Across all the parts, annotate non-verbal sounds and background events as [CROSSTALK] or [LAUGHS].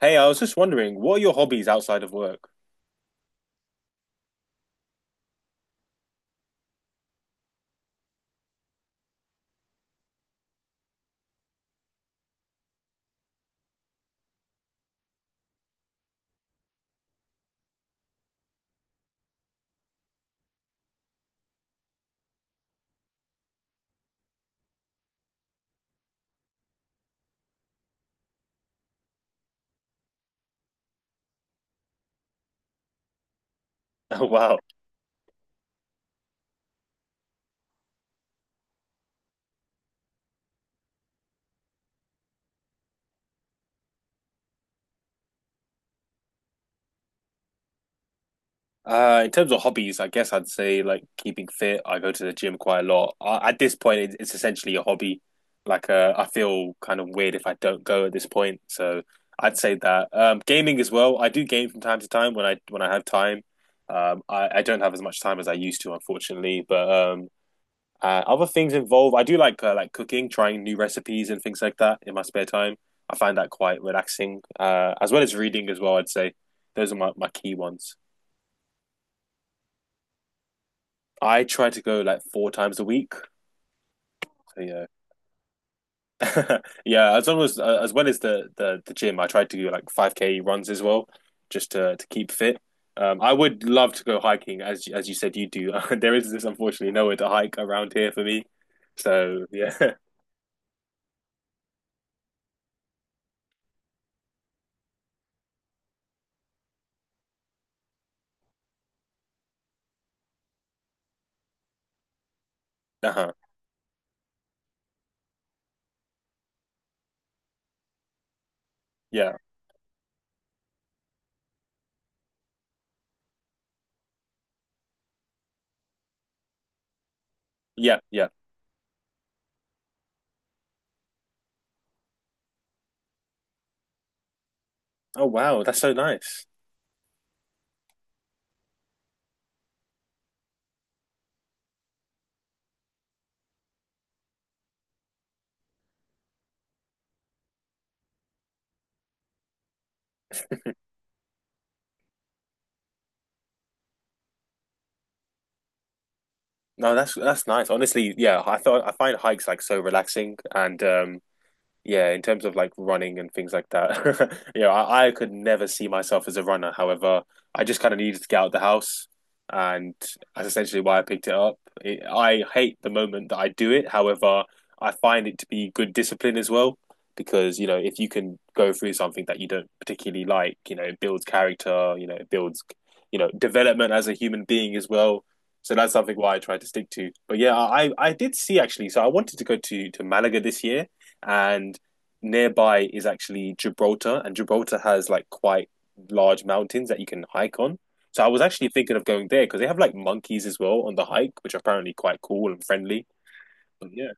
Hey, I was just wondering, what are your hobbies outside of work? [LAUGHS] Oh, wow. In terms of hobbies, I guess I'd say like keeping fit. I go to the gym quite a lot. At this point, it's essentially a hobby. Like, I feel kind of weird if I don't go at this point. So I'd say that. Gaming as well. I do game from time to time when I have time. I don't have as much time as I used to, unfortunately. But Other things involve I do like cooking, trying new recipes and things like that in my spare time. I find that quite relaxing, as well as reading as well. I'd say those are my key ones. I try to go like four times a week. So yeah, [LAUGHS] yeah. As long as well as the gym, I try to do like five k runs as well, just to keep fit. I would love to go hiking, as you said you do. [LAUGHS] There is this unfortunately nowhere to hike around here for me, so yeah. [LAUGHS] Uh-huh. Yeah, yeah. Oh wow, that's so nice. No, that's nice. Honestly, yeah, I find hikes like so relaxing. And Yeah, in terms of like running and things like that, [LAUGHS] you know, I could never see myself as a runner. However, I just kind of needed to get out of the house, and that's essentially why I picked it up. I hate the moment that I do it. However, I find it to be good discipline as well, because you know, if you can go through something that you don't particularly like, you know, it builds character, you know, it builds, you know, development as a human being as well. So that's something why I try to stick to. But yeah, I did see actually. So I wanted to go to Malaga this year, and nearby is actually Gibraltar, and Gibraltar has like quite large mountains that you can hike on. So I was actually thinking of going there because they have like monkeys as well on the hike, which are apparently quite cool and friendly. But yeah,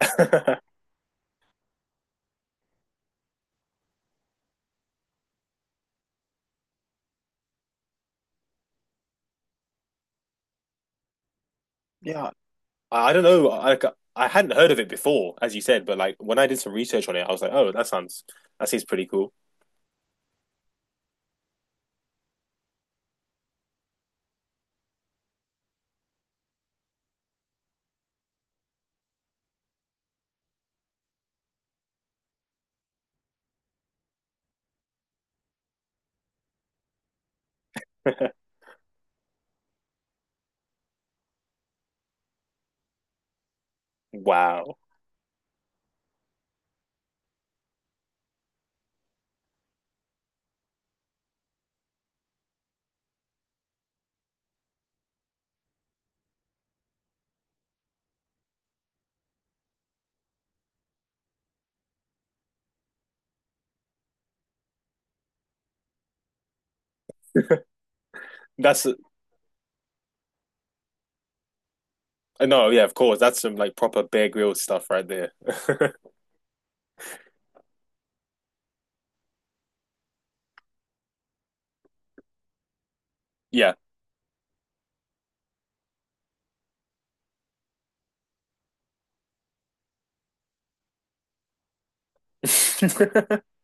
[LAUGHS] yeah. I don't know. I like, I hadn't heard of it before, as you said, but like when I did some research on it, I was like, oh, that sounds that seems pretty cool. [LAUGHS] Wow, that's no, yeah, of course, that's some like proper Bear Grylls stuff right there. [LAUGHS] Yeah, [LAUGHS]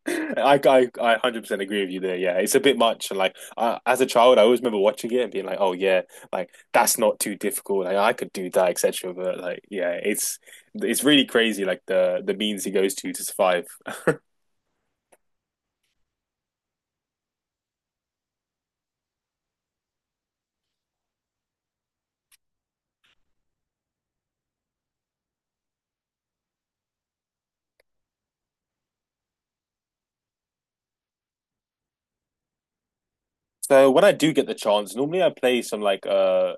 I 100% agree with you there. Yeah, it's a bit much. And like, I, as a child, I always remember watching it and being like, oh, yeah, like that's not too difficult. Like, I could do that, etc. But like, yeah, it's really crazy, like the means he goes to survive. So when I do get the chance, normally I play some like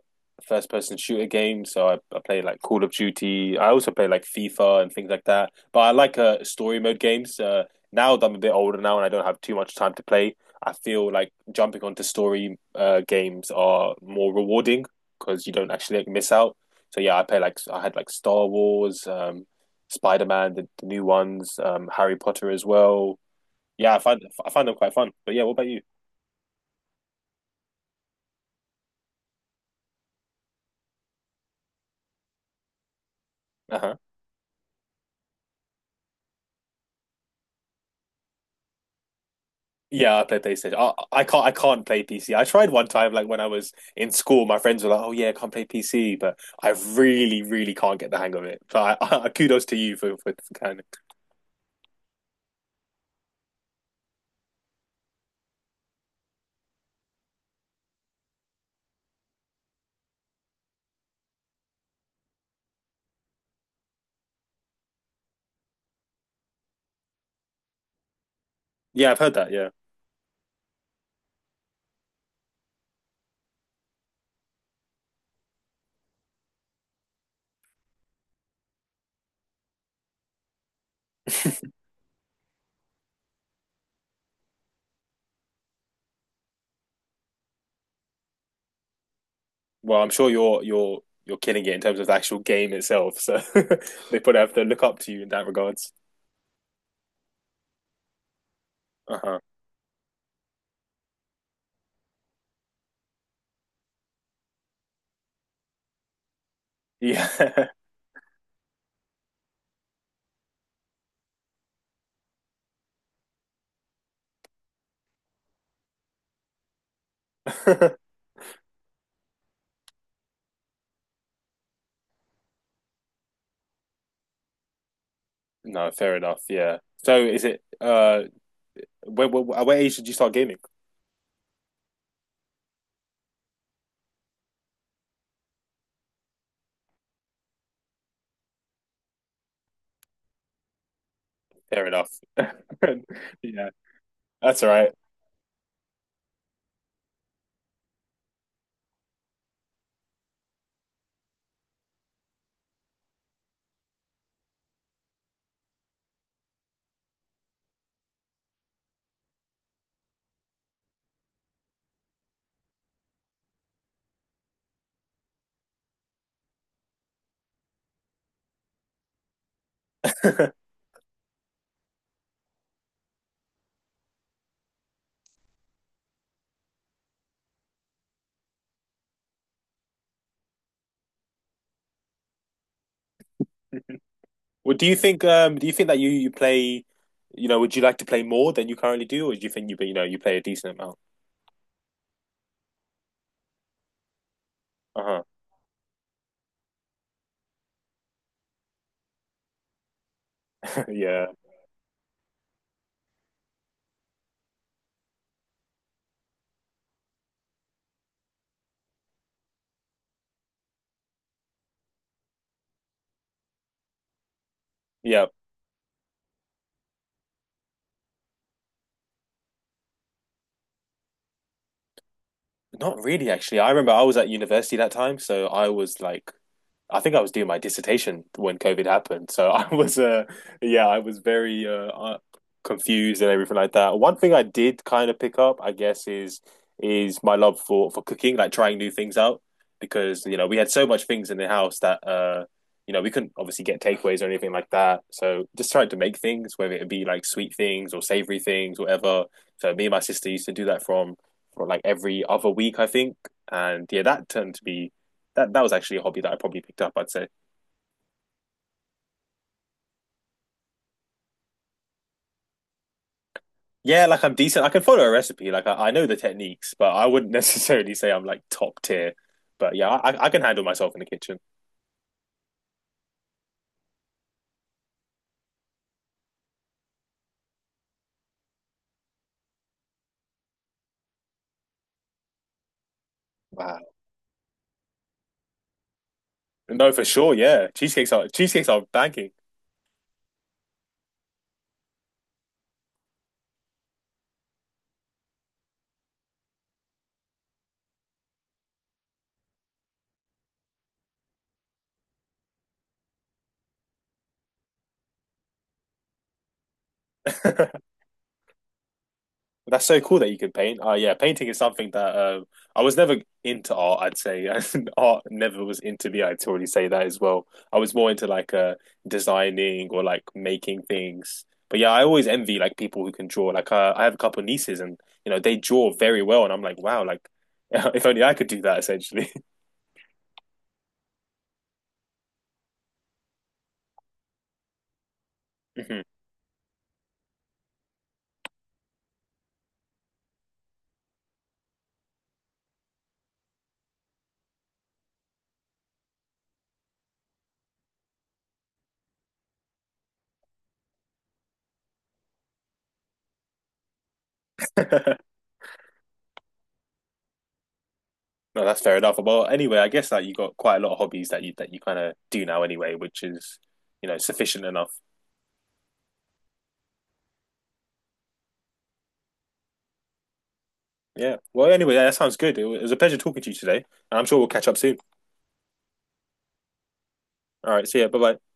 first person shooter games. So I play like Call of Duty. I also play like FIFA and things like that. But I like story mode games. Now that I'm a bit older now and I don't have too much time to play, I feel like jumping onto story games are more rewarding because you don't actually like, miss out. So yeah, I play like I had like Star Wars, Spider-Man, the new ones, Harry Potter as well. Yeah, I find them quite fun. But yeah, what about you? [LAUGHS] Yeah, I play PlayStation. I can't play PC. I tried one time, like when I was in school, my friends were like, "Oh yeah, I can't play PC," but I really can't get the hang of it. So I, [LAUGHS] I kudos to you for kind of. Yeah, I've heard that. Yeah. Well, I'm sure you're killing it in terms of the actual game itself. So [LAUGHS] they probably have to look up to you in that regards. Uh-huh. Yeah. [LAUGHS] No, fair enough. Yeah. So is it at what age did you start gaming? Fair enough. [LAUGHS] Yeah, that's all right. [LAUGHS] Well, do you think that you play, you know, would you like to play more than you currently do, or do you think you you know you play a decent amount? Uh-huh. [LAUGHS] Yeah. Yeah. Not really, actually. I remember I was at university that time, so I was like I think I was doing my dissertation when COVID happened, so [LAUGHS] I was yeah, I was very confused and everything like that. One thing I did kind of pick up, I guess, is my love for cooking, like trying new things out, because you know we had so much things in the house that you know we couldn't obviously get takeaways or anything like that, so just tried to make things, whether it be like sweet things or savory things, whatever. So me and my sister used to do that from for like every other week, I think, and yeah, that turned to be that that was actually a hobby that I probably picked up. I'd say, yeah, like I'm decent. I can follow a recipe. Like I know the techniques, but I wouldn't [LAUGHS] necessarily say I'm like top tier. But yeah, I can handle myself in the kitchen. Wow. No, for sure. Yeah, cheesecakes are banking. [LAUGHS] That's so cool that you can paint. Yeah, painting is something that I was never into art, I'd say. [LAUGHS] Art never was into me, I'd already say that as well. I was more into like designing or like making things. But yeah, I always envy like people who can draw. Like I have a couple of nieces and you know they draw very well, and I'm like, wow, like [LAUGHS] if only I could do that essentially. [LAUGHS] Mhm. [LAUGHS] No, that's fair enough. Well, anyway, I guess that you got quite a lot of hobbies that you kind of do now anyway, which is you know sufficient enough. Yeah. Well, anyway, that sounds good. It was a pleasure talking to you today, and I'm sure we'll catch up soon. All right. See ya. Bye bye.